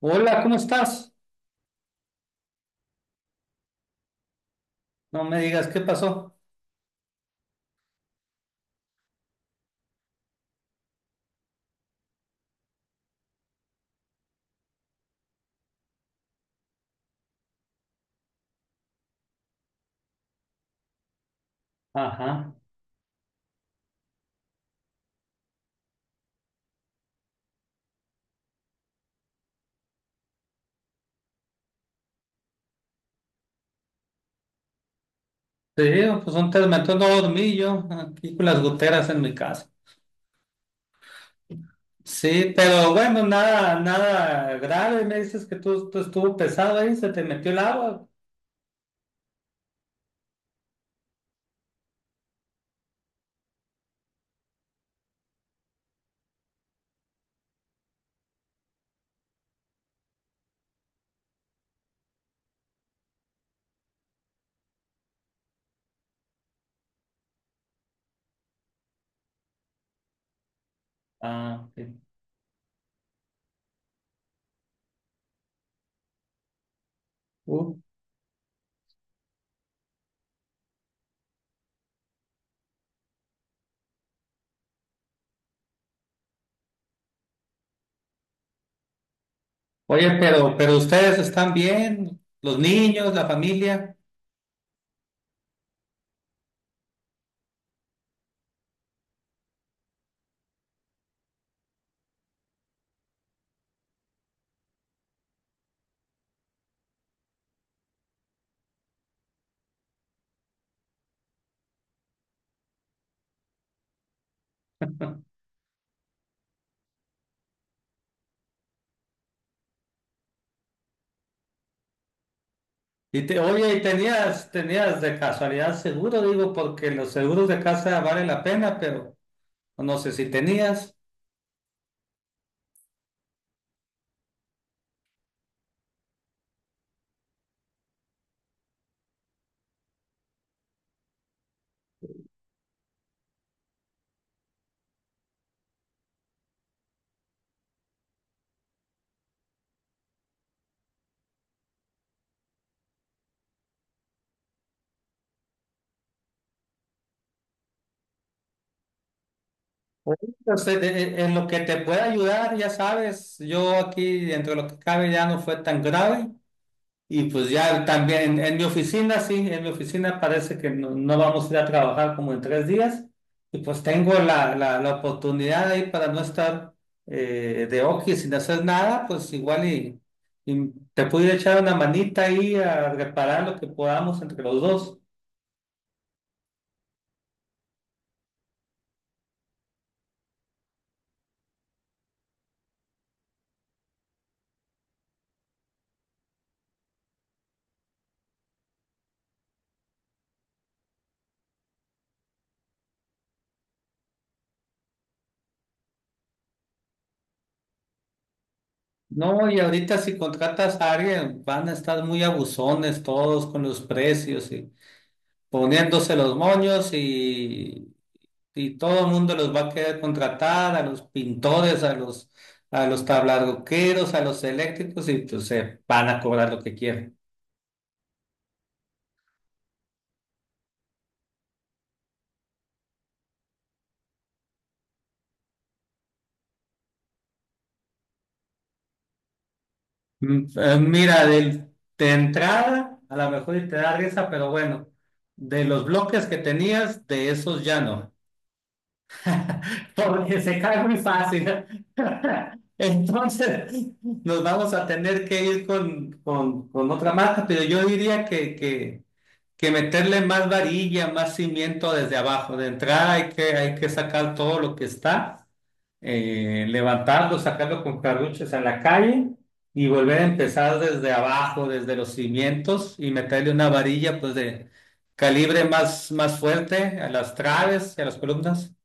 Hola, ¿cómo estás? No me digas qué pasó. Ajá. Sí, pues un tormento no dormí yo, aquí con las goteras en mi casa. Sí, pero bueno, nada, nada grave. Me dices que tú estuvo pesado ahí, se te metió el agua. Ah, sí. Uh. Oye, pero ustedes están bien, los niños, la familia. Oye, y tenías de casualidad seguro, digo, porque los seguros de casa vale la pena, pero no sé si tenías. Pues, en lo que te pueda ayudar, ya sabes, yo aquí dentro de lo que cabe ya no fue tan grave. Y pues ya también en mi oficina, sí, en mi oficina parece que no, no vamos a ir a trabajar como en 3 días, y pues tengo la oportunidad ahí para no estar de oqui sin hacer nada, pues igual y, y te pude echar una manita ahí a reparar lo que podamos entre los dos. No, y ahorita si contratas a alguien, van a estar muy abusones todos con los precios y poniéndose los moños y, todo el mundo los va a querer contratar, a los pintores, a los tablarroqueros, a los eléctricos y pues se van a cobrar lo que quieran. Mira, de entrada, a lo mejor y te da risa, pero bueno, de los bloques que tenías, de esos ya no, porque se cae muy fácil. Entonces, nos vamos a tener que ir con, con otra marca, pero yo diría que, que meterle más varilla, más cimiento desde abajo. De entrada hay que sacar todo lo que está, levantarlo, sacarlo con carruches a la calle y volver a empezar desde abajo, desde los cimientos y meterle una varilla pues de calibre más, más fuerte a las traves y a las columnas.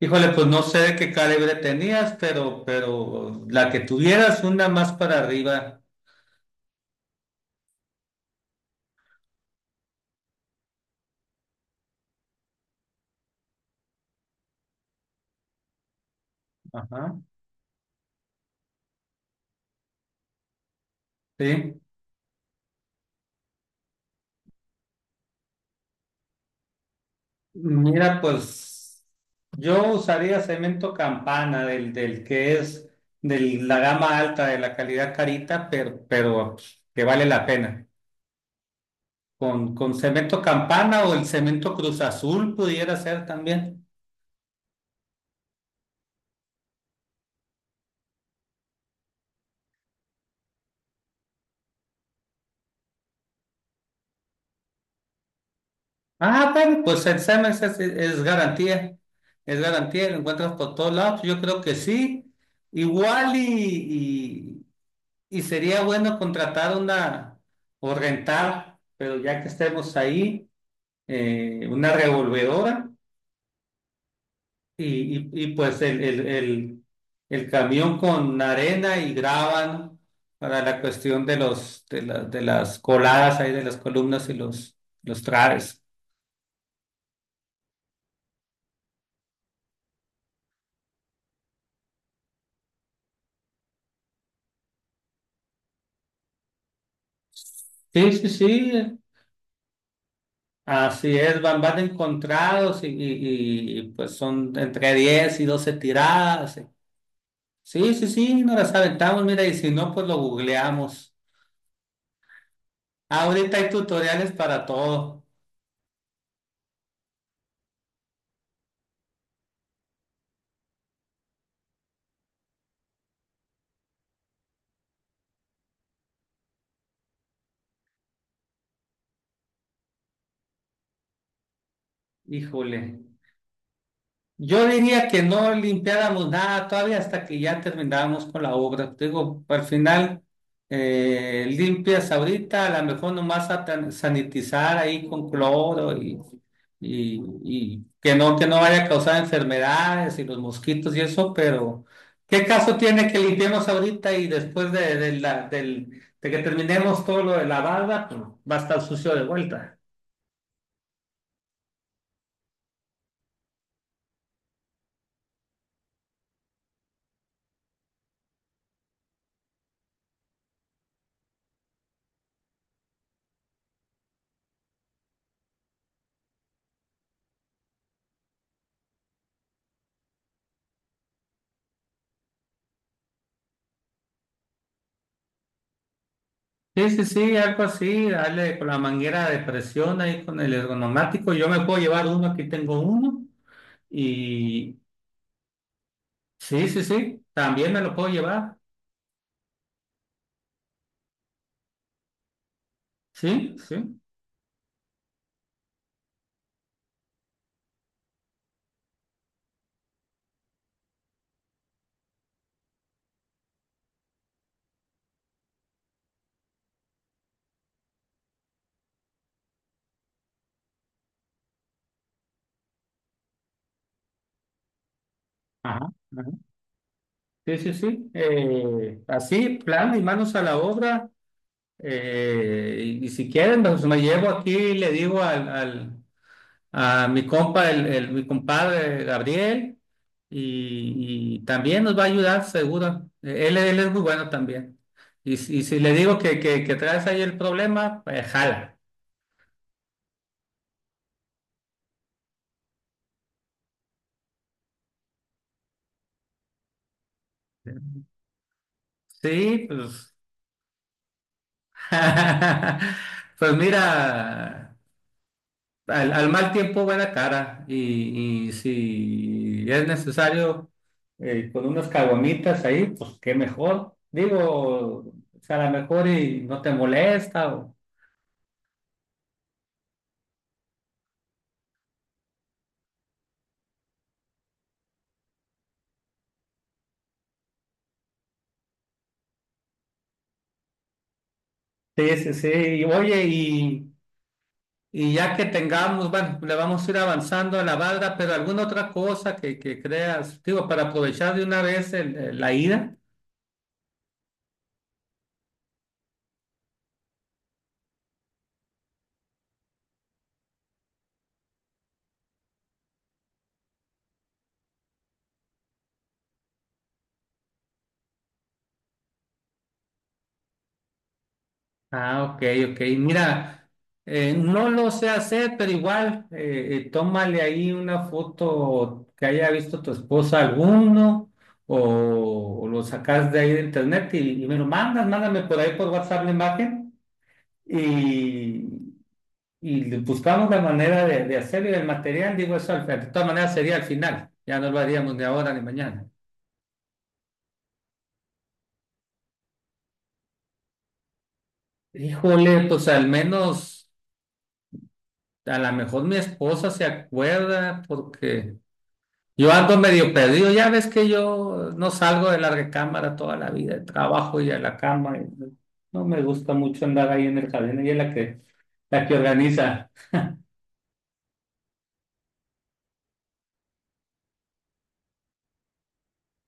Híjole, pues no sé de qué calibre tenías, pero la que tuvieras, una más para arriba. Ajá. Sí. Mira, pues yo usaría cemento Campana, del que es de la gama alta, de la calidad carita, pero que vale la pena. Con, cemento Campana o el cemento Cruz Azul pudiera ser también. Ah, bueno, pues el Siemens es garantía, es garantía, lo encuentras por todos lados, yo creo que sí. Igual y sería bueno contratar una o rentar, pero ya que estemos ahí, una revolvedora y, y pues el, el camión con arena y graban para la cuestión de las coladas ahí, de las columnas y los traves. Sí, sí, sí. Así es, van encontrados pues son entre 10 y 12 tiradas. Sí, sí, sí, nos las aventamos, mira, y si no, pues lo googleamos. Ahorita hay tutoriales para todo. Híjole. Yo diría que no limpiáramos nada todavía hasta que ya termináramos con la obra. Te digo, al final limpias ahorita, a lo mejor nomás sanitizar ahí con cloro y que no vaya a causar enfermedades y los mosquitos y eso, pero ¿qué caso tiene que limpiemos ahorita y después de que terminemos todo lo de la barda, pues va a estar sucio de vuelta? Sí, sí, sí, algo así, dale con la manguera de presión ahí con el ergonomático. Yo me puedo llevar uno, aquí tengo uno. Y sí, sí, sí, también me lo puedo llevar. Sí, sí. Ajá, ajá. Sí, sí, sí. Así, plan y manos a la obra. Y, si quieren, pues me llevo aquí y le digo al, a mi compa, mi compadre Gabriel, y, también nos va a ayudar, seguro. Él es muy bueno también. Y si le digo que, que traes ahí el problema, pues jala. Sí, pues. Pues mira, al mal tiempo buena cara. Y si es necesario con unas caguamitas ahí, pues qué mejor. Digo, o sea, a lo mejor y no te molesta. Sí, sí, sí. Oye, y ya que tengamos, bueno, le vamos a ir avanzando a la barra, pero alguna otra cosa que, creas, digo, para aprovechar de una vez la ida. Ah, ok, ok. Mira, no lo sé hacer, pero igual, tómale ahí una foto que haya visto tu esposa alguno, o lo sacas de ahí de internet y, me lo mandas, mándame por ahí por WhatsApp la imagen. Y buscamos la manera de, hacerlo y el material, digo eso, de todas maneras sería al final, ya no lo haríamos ni ahora ni mañana. Híjole, pues al menos, a lo mejor mi esposa se acuerda porque yo ando medio perdido, ya ves que yo no salgo de la recámara toda la vida, trabajo y a la cama, y no me gusta mucho andar ahí en el jardín, ella es la que organiza.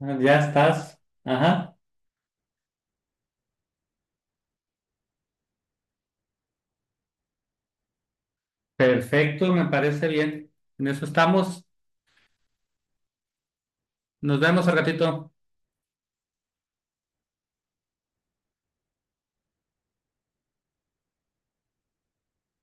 Ah, ya estás, ajá, perfecto, me parece bien, en eso estamos, nos vemos al ratito.